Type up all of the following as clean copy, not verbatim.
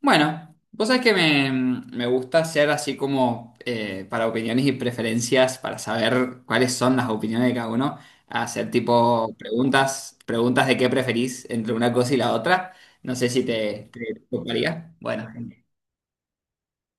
Bueno, vos sabés que me gusta hacer así como para opiniones y preferencias, para saber cuáles son las opiniones de cada uno, hacer tipo preguntas, preguntas de qué preferís entre una cosa y la otra. No sé si te tocaría. Bueno, genial.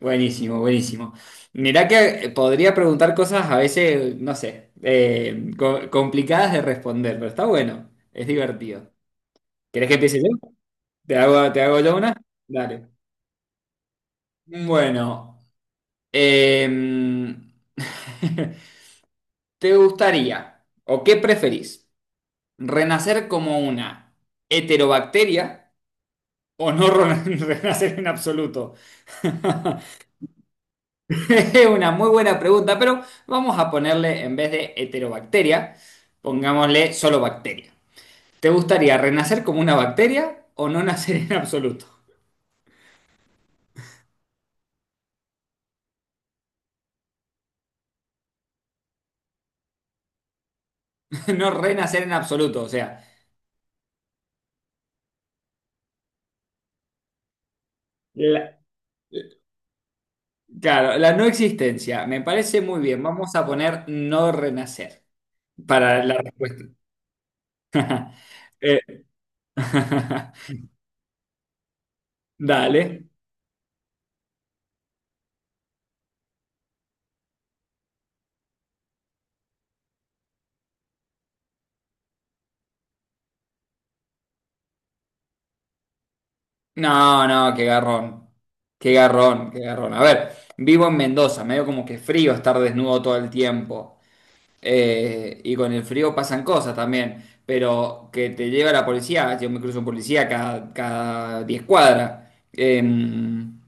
Buenísimo, buenísimo. Mirá que podría preguntar cosas a veces, no sé, complicadas de responder, pero está bueno, es divertido. ¿Querés que empiece yo? ¿Te hago yo una? Dale. Bueno. Em, ¿Te gustaría o qué preferís? ¿Renacer como una heterobacteria o no renacer en absoluto? Es una muy buena pregunta, pero vamos a ponerle en vez de heterobacteria, pongámosle solo bacteria. ¿Te gustaría renacer como una bacteria o no nacer en absoluto? No renacer en absoluto, o sea, la- claro, la no existencia. Me parece muy bien. Vamos a poner no renacer. Para la respuesta. Eh, dale. No, no, qué garrón. Qué garrón, qué garrón. A ver, vivo en Mendoza, medio como que frío estar desnudo todo el tiempo. Y con el frío pasan cosas también. Pero que te lleva la policía, yo me cruzo un policía cada 10 cuadras. Em,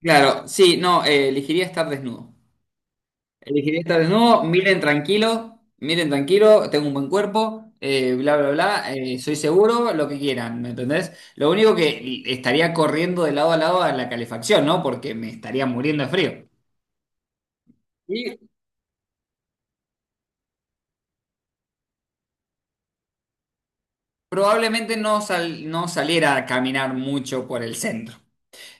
claro, sí, no, elegiría estar desnudo. El higienista desnudo, miren tranquilo, tengo un buen cuerpo, bla, bla, bla, soy seguro, lo que quieran, ¿me entendés? Lo único que estaría corriendo de lado a lado a la calefacción, ¿no? Porque me estaría muriendo de frío. Y probablemente no, no saliera a caminar mucho por el centro.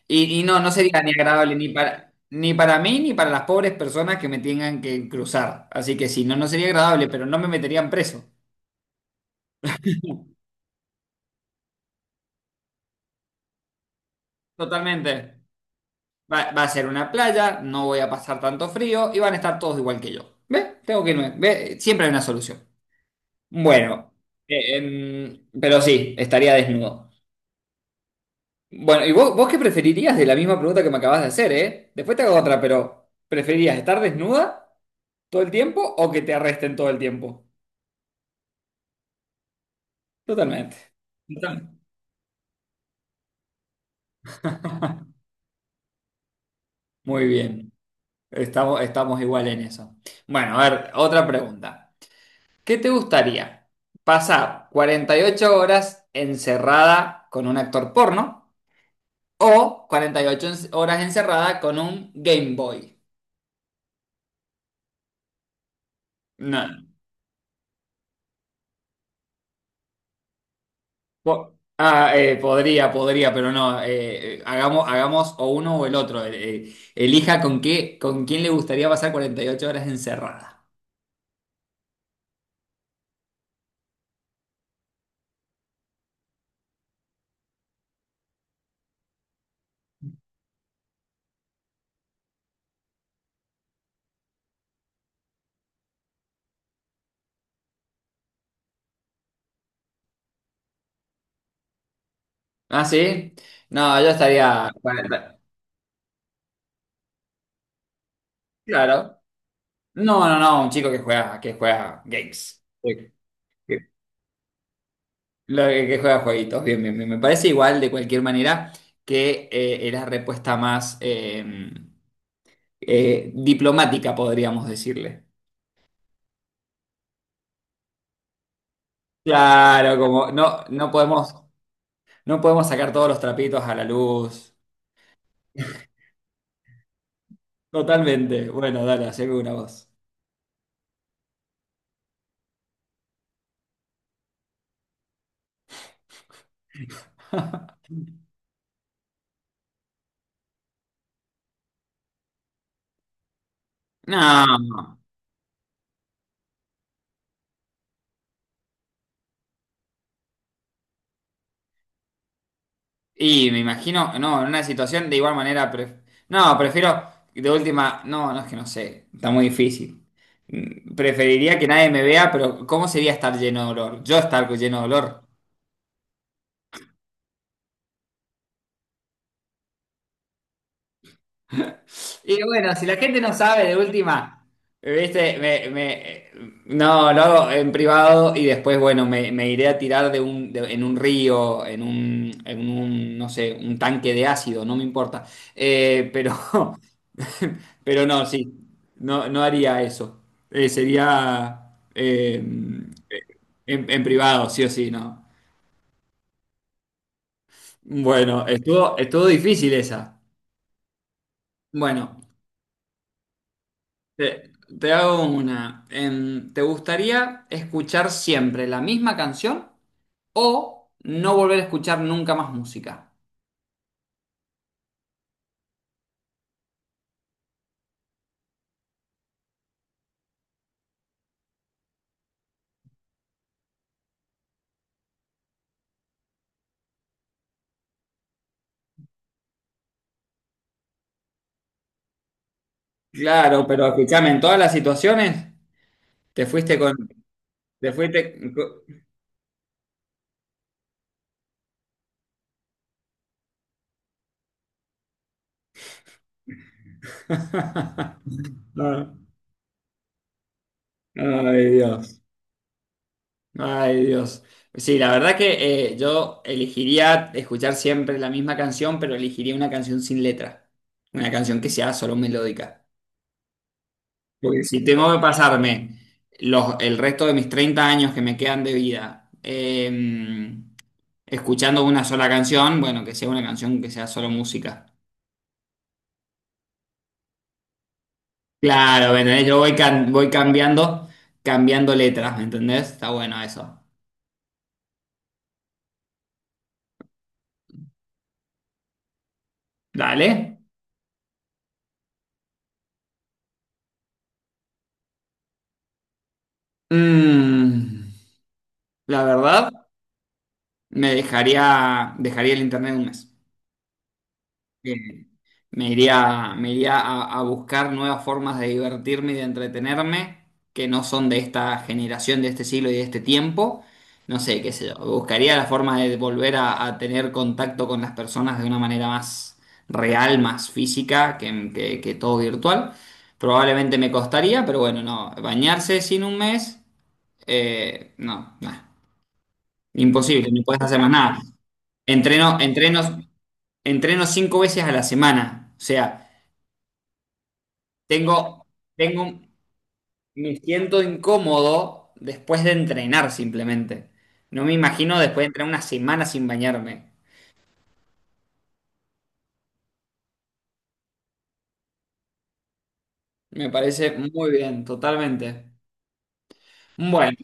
Y no, no sería ni agradable ni para mí ni para las pobres personas que me tengan que cruzar. Así que sí, no, no sería agradable, pero no me meterían preso. Totalmente. Va a ser una playa, no voy a pasar tanto frío y van a estar todos igual que yo. ¿Ve? Tengo que irme. ¿Ve? Siempre hay una solución. Bueno, pero sí, estaría desnudo. Bueno, ¿y vos qué preferirías de la misma pregunta que me acabas de hacer, eh? Después te hago otra, pero ¿preferirías estar desnuda todo el tiempo o que te arresten todo el tiempo? Totalmente. Totalmente. Muy bien. Estamos igual en eso. Bueno, a ver, otra pregunta. ¿Qué te gustaría? ¿Pasar 48 horas encerrada con un actor porno o 48 horas encerrada con un Game Boy? No. Podría, podría, pero no. Hagamos, hagamos o uno o el otro. Elija con qué, con quién le gustaría pasar 48 horas encerrada. ¿Ah, sí? No, yo estaría... 40. Claro. No, no, no, un chico que juega games. Lo que juega jueguitos, bien, bien, bien. Me parece igual de cualquier manera que era respuesta más diplomática, podríamos decirle. Claro, como no, no podemos sacar todos los trapitos a la luz. Totalmente. Bueno, dale, haceme una voz. No. No. Y me imagino, no, en una situación de igual manera, no, prefiero de última, no, no es que no sé, está muy difícil. Preferiría que nadie me vea, pero ¿cómo sería estar lleno de dolor? Yo estar lleno de dolor. Y bueno, si la gente no sabe de última, viste, no, lo hago en privado y después, bueno, me iré a tirar de en un río, en un, no sé, un tanque de ácido, no me importa. Pero Pero no, sí, no, no haría eso. Sería en privado, sí o sí, no. Bueno, estuvo difícil esa. Bueno, te, te hago una. ¿Te gustaría escuchar siempre la misma canción o no volver a escuchar nunca más música? Claro, pero escúchame, en todas las situaciones te fuiste con... Te fuiste... Ay, Dios. Ay, Dios. Sí, la verdad que yo elegiría escuchar siempre la misma canción, pero elegiría una canción sin letra. Una canción que sea solo melódica. Porque si tengo que pasarme el resto de mis 30 años que me quedan de vida escuchando una sola canción, bueno, que sea una canción que sea solo música. Claro, ¿me entendés? Yo voy cambiando, cambiando letras, ¿me entendés? Está bueno eso. Dale. Mm, la verdad. Me dejaría el internet un mes. Eh, me iría a buscar nuevas formas de divertirme y de entretenerme que no son de esta generación, de este siglo y de este tiempo. No sé, qué sé yo. Buscaría la forma de volver a tener contacto con las personas de una manera más real, más física que todo virtual. Probablemente me costaría, pero bueno, no. Bañarse sin un mes, no, nah. Imposible, no puedes hacer más nada. Entreno, entrenos Entreno cinco veces a la semana. O sea, tengo, tengo, me siento incómodo después de entrenar simplemente. No me imagino después de entrenar una semana sin bañarme. Me parece muy bien, totalmente. Bueno,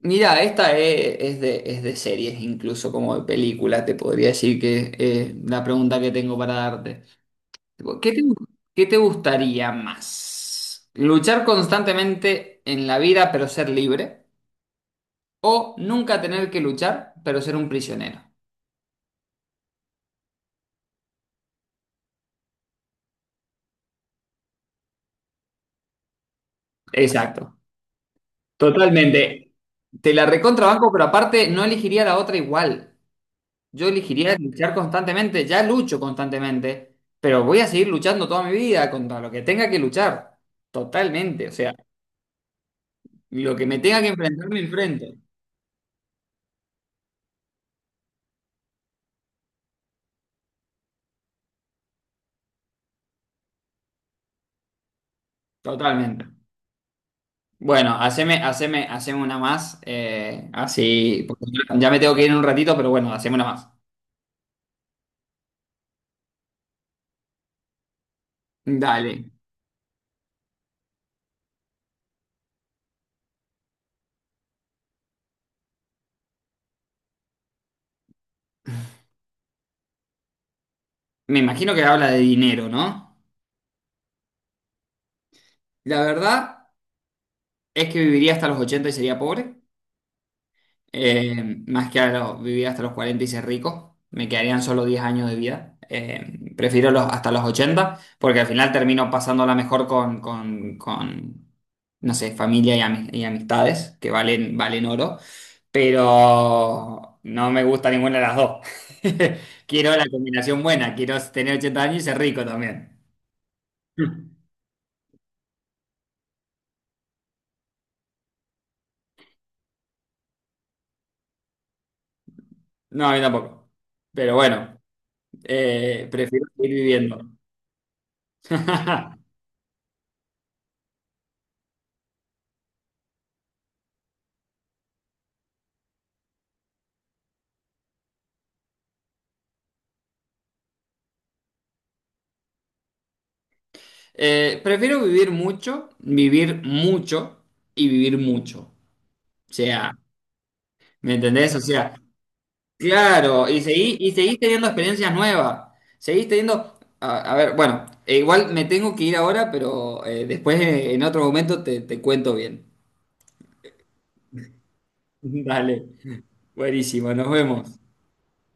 mira, esta es de series, incluso como de película, te podría decir que la pregunta que tengo para darte. Tipo, ¿Qué te gustaría más? ¿Luchar constantemente en la vida pero ser libre? O nunca tener que luchar, pero ser un prisionero. Exacto. Totalmente. Te la recontrabanco, pero aparte no elegiría la otra igual. Yo elegiría luchar constantemente. Ya lucho constantemente, pero voy a seguir luchando toda mi vida contra lo que tenga que luchar. Totalmente. O sea, lo que me tenga que enfrentar, me enfrento. Totalmente. Bueno, haceme una más. Así porque ya me tengo que ir en un ratito, pero bueno, haceme una más. Dale. Me imagino que habla de dinero, ¿no? La verdad es que viviría hasta los 80 y sería pobre, más que vivir hasta los 40 y ser rico. Me quedarían solo 10 años de vida. Prefiero hasta los 80 porque al final termino pasándola mejor no sé, familia y amistades, que valen, valen oro, pero no me gusta ninguna de las dos. Quiero la combinación buena, quiero tener 80 años y ser rico también. No, a mí tampoco. Pero bueno. Prefiero seguir viviendo. Prefiero vivir mucho y vivir mucho. O sea, ¿me entendés? O sea, claro, y seguís y seguí teniendo experiencias nuevas. Seguís teniendo. A ver, bueno, igual me tengo que ir ahora, pero después en otro momento te cuento bien. Dale. Buenísimo, nos vemos.